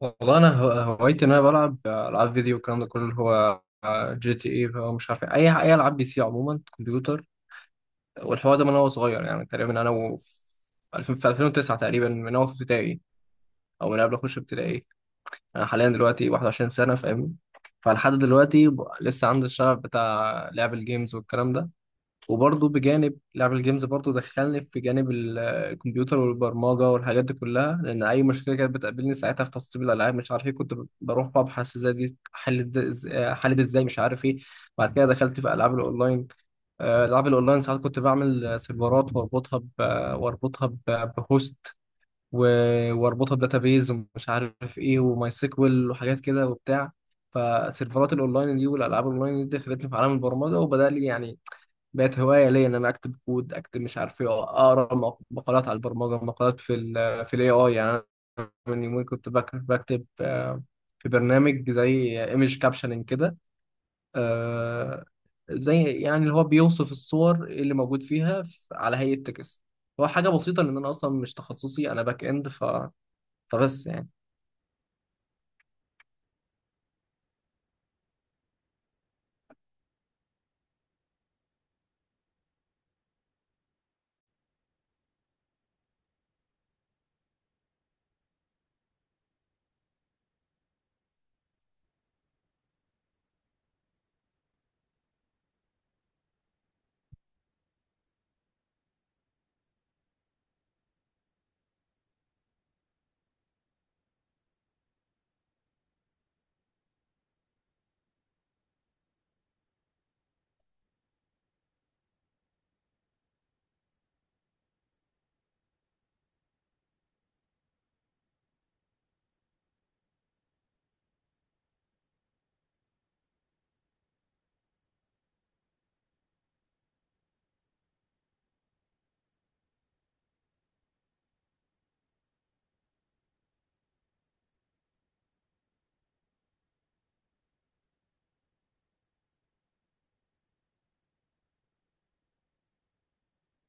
والله انا هوايتي ان انا بلعب العاب فيديو والكلام ده كله اللي هو جي تي اي بقى مش عارف إيه. اي العاب بي سي عموما كمبيوتر والحوار ده من وانا صغير يعني تقريبا انا و ألفين في 2009 تقريبا من وانا في ابتدائي او من قبل اخش ابتدائي. انا حاليا دلوقتي 21 سنه فاهم. فلحد دلوقتي لسه عندي الشغف بتاع لعب الجيمز والكلام ده. وبرضه بجانب لعب الجيمز برضه دخلني في جانب الكمبيوتر والبرمجة والحاجات دي كلها، لأن أي مشكلة كانت بتقابلني ساعتها في تسطيب الألعاب مش عارف إيه كنت بروح ببحث إزاي دي حلت، حلت إزاي مش عارف إيه. بعد كده دخلت في ألعاب الأونلاين. آه، ألعاب الأونلاين ساعات كنت بعمل سيرفرات وأربطها ب... بهوست و... وأربطها بداتابيز ومش عارف إيه وماي سيكوال وحاجات كده وبتاع. فسيرفرات الأونلاين دي والألعاب الأونلاين دي دخلتني في عالم البرمجة وبدأ لي يعني بقت هوايه ليا ان انا اكتب كود، اكتب مش عارف ايه، اقرا مقالات على البرمجه، مقالات في ال في الاي اي يعني. أنا من يومين كنت بكتب في برنامج زي ايمج كابشننج كده. آه، زي يعني اللي هو بيوصف الصور اللي موجود فيها على هيئه تكست. هو حاجه بسيطه لان انا اصلا مش تخصصي، انا باك اند. ف فبس يعني.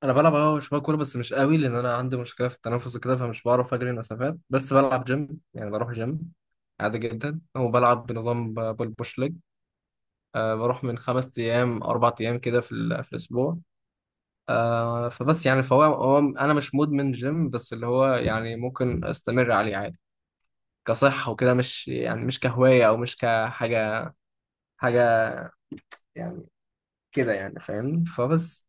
انا بلعب اه شويه كوره بس مش قوي لان انا عندي مشكله في التنفس وكده فمش بعرف اجري مسافات، بس بلعب جيم يعني، بروح جيم عادي جدا وبلعب بنظام بول بوش ليج. أه، بروح من 5 ايام 4 ايام كده في الاسبوع. أه فبس يعني، فهو انا مش مدمن جيم، بس اللي هو يعني ممكن استمر عليه عادي كصحه وكده، مش يعني مش كهوايه او مش كحاجه حاجه يعني كده يعني فاهمني فبس.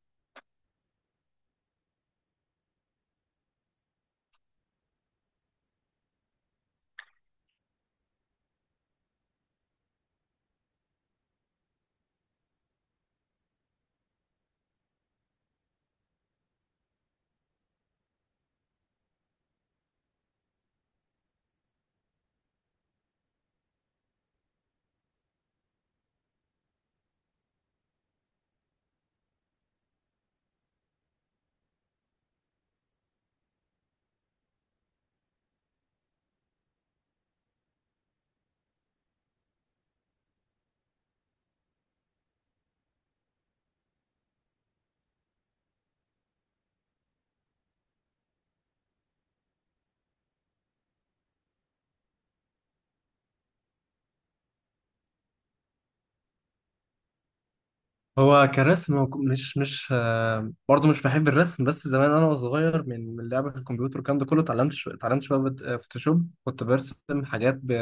هو كرسم مش مش آه، برضه مش بحب الرسم. بس زمان انا وصغير من لعبة الكمبيوتر والكلام ده كله اتعلمت شوية فوتوشوب. كنت برسم حاجات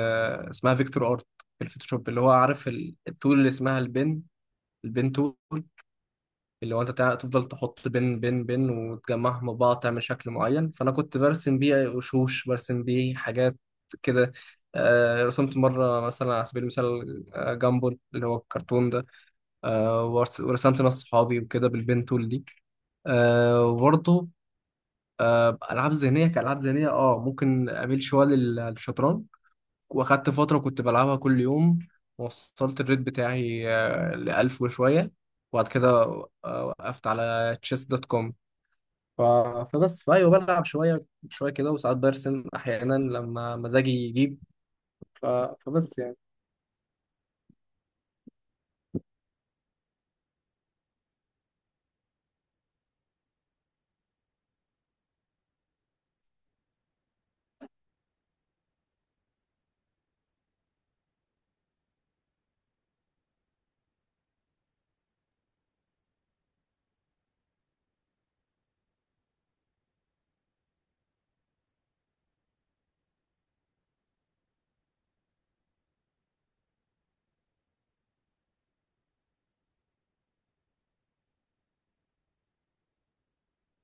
اسمها فيكتور ارت في الفوتوشوب، اللي هو عارف التول اللي اسمها البن البن تول، اللي هو انت تفضل تحط بن بن بن وتجمعهم مع بعض تعمل شكل معين. فانا كنت برسم بيه وشوش، برسم بيه حاجات كده. آه، رسمت مرة مثلا على سبيل المثال آه، جامبل اللي هو الكرتون ده. آه، ورسمت ناس صحابي وكده بالبنتول دي. آه، وبرضه آه، ألعاب ذهنية، كألعاب ذهنية اه ممكن أميل شوية للشطرنج، وأخدت فترة كنت بلعبها كل يوم. وصلت الريت بتاعي آه، لـ1000 وشوية. وبعد كده آه، وقفت على تشيس دوت كوم. ف... فبس، فأيوه بلعب شوية شوية كده، وساعات برسم أحيانا لما مزاجي يجيب. ف... فبس يعني.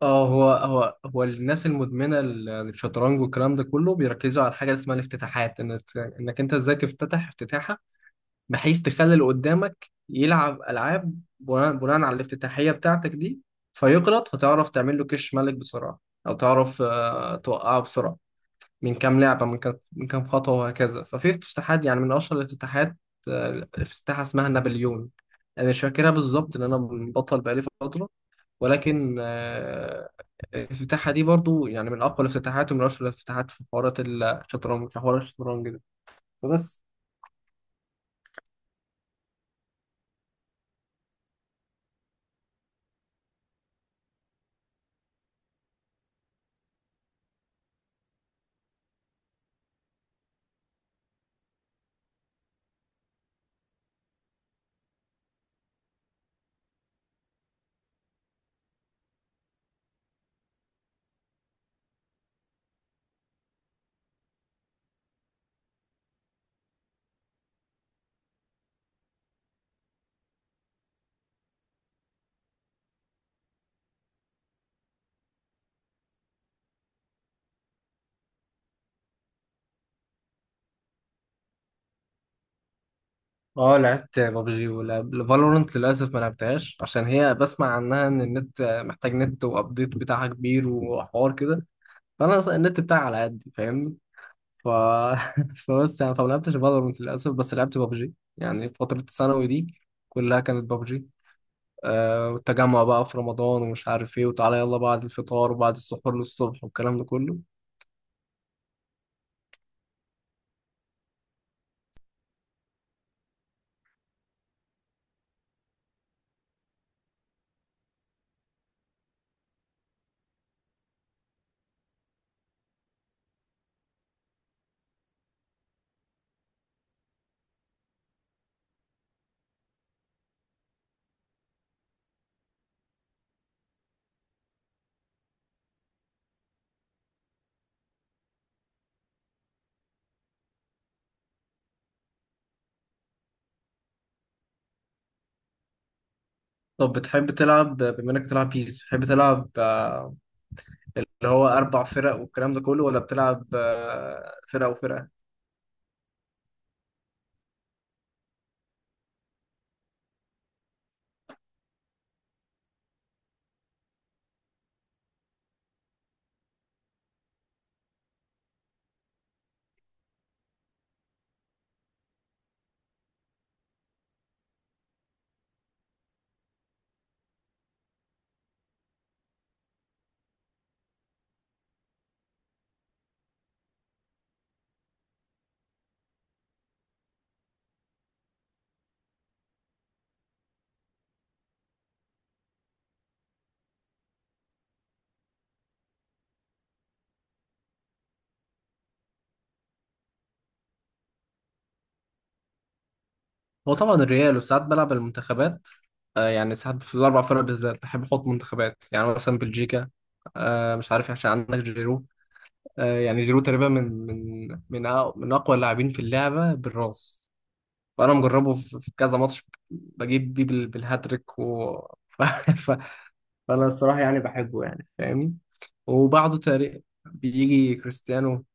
اه هو الناس المدمنه للشطرنج والكلام ده كله بيركزوا على حاجه اسمها الافتتاحات، انك انت ازاي تفتتح افتتاحه، بحيث تخلي اللي قدامك يلعب العاب بناء على الافتتاحيه بتاعتك دي فيغلط، فتعرف تعمل له كش ملك بسرعه، او تعرف آه، توقعه بسرعه من كام لعبه، من كام خطوه، وهكذا. ففي افتتاحات يعني، من اشهر الافتتاحات آه، افتتاحه اسمها نابليون، انا مش فاكرها بالظبط لان انا بطل بقالي فتره. ولكن آه، الافتتاحة دي برضو يعني من أقوى الافتتاحات ومن أشهر الافتتاحات في حوارات الشطرنج، في حوار الشطرنج ده. فبس. اه لعبت بابجي، ولعب فالورنت للأسف ما لعبتهاش عشان هي بسمع عنها إن النت محتاج، نت وأبديت بتاعها كبير وحوار كده. فأنا أصلاً النت بتاعي على قدي فاهمني. ف... فبس يعني، فما لعبتش فالورنت للأسف. بس لعبت بابجي يعني، فترة الثانوي دي كلها كانت بابجي. آه، والتجمع بقى في رمضان ومش عارف ايه، وتعالى يلا بعد الفطار وبعد السحور للصبح والكلام ده كله. طب بتحب تلعب، بما انك بتلعب بيس، بتحب تلعب آه، اللي هو اربع فرق والكلام ده كله، ولا بتلعب آه، فرقه وفرقه؟ هو طبعا الريال، وساعات بلعب المنتخبات. آه، يعني ساعات في الاربع فرق بالذات بحب احط منتخبات، يعني مثلا بلجيكا. آه، مش عارف، عشان عندك جيرو. آه، يعني جيرو تقريبا من اقوى اللاعبين في اللعبه بالراس، وانا مجربه في كذا ماتش، بجيب بيه بالهاتريك ف... ف... فانا الصراحه يعني بحبه يعني فاهمني. وبعده تقريبا بيجي كريستيانو.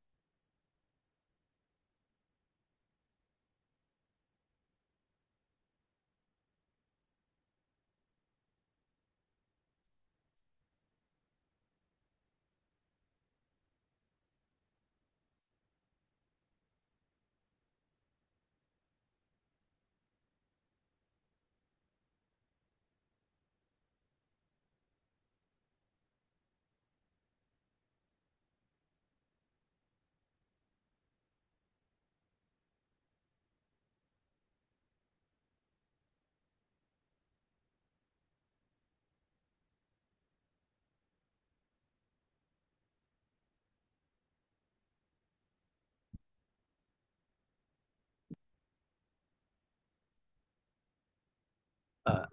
آه،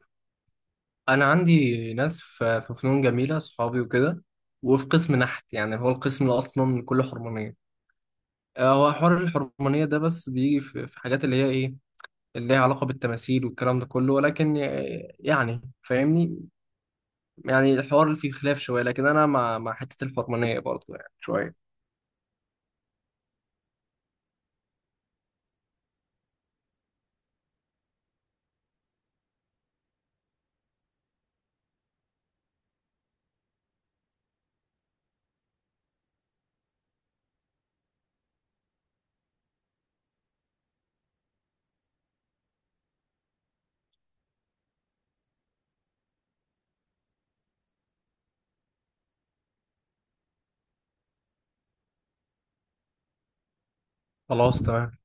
انا عندي ناس في فنون جميله صحابي وكده، وفي قسم نحت، يعني هو القسم اللي اصلا كله حرمانيه. آه، هو حوار الحرمانيه ده بس بيجي في حاجات اللي هي ايه، اللي ليها علاقه بالتماثيل والكلام ده كله، ولكن آه، يعني فاهمني، يعني الحوار اللي فيه خلاف شويه، لكن انا مع حته الحرمانيه برضه يعني شويه. خلاص تمام.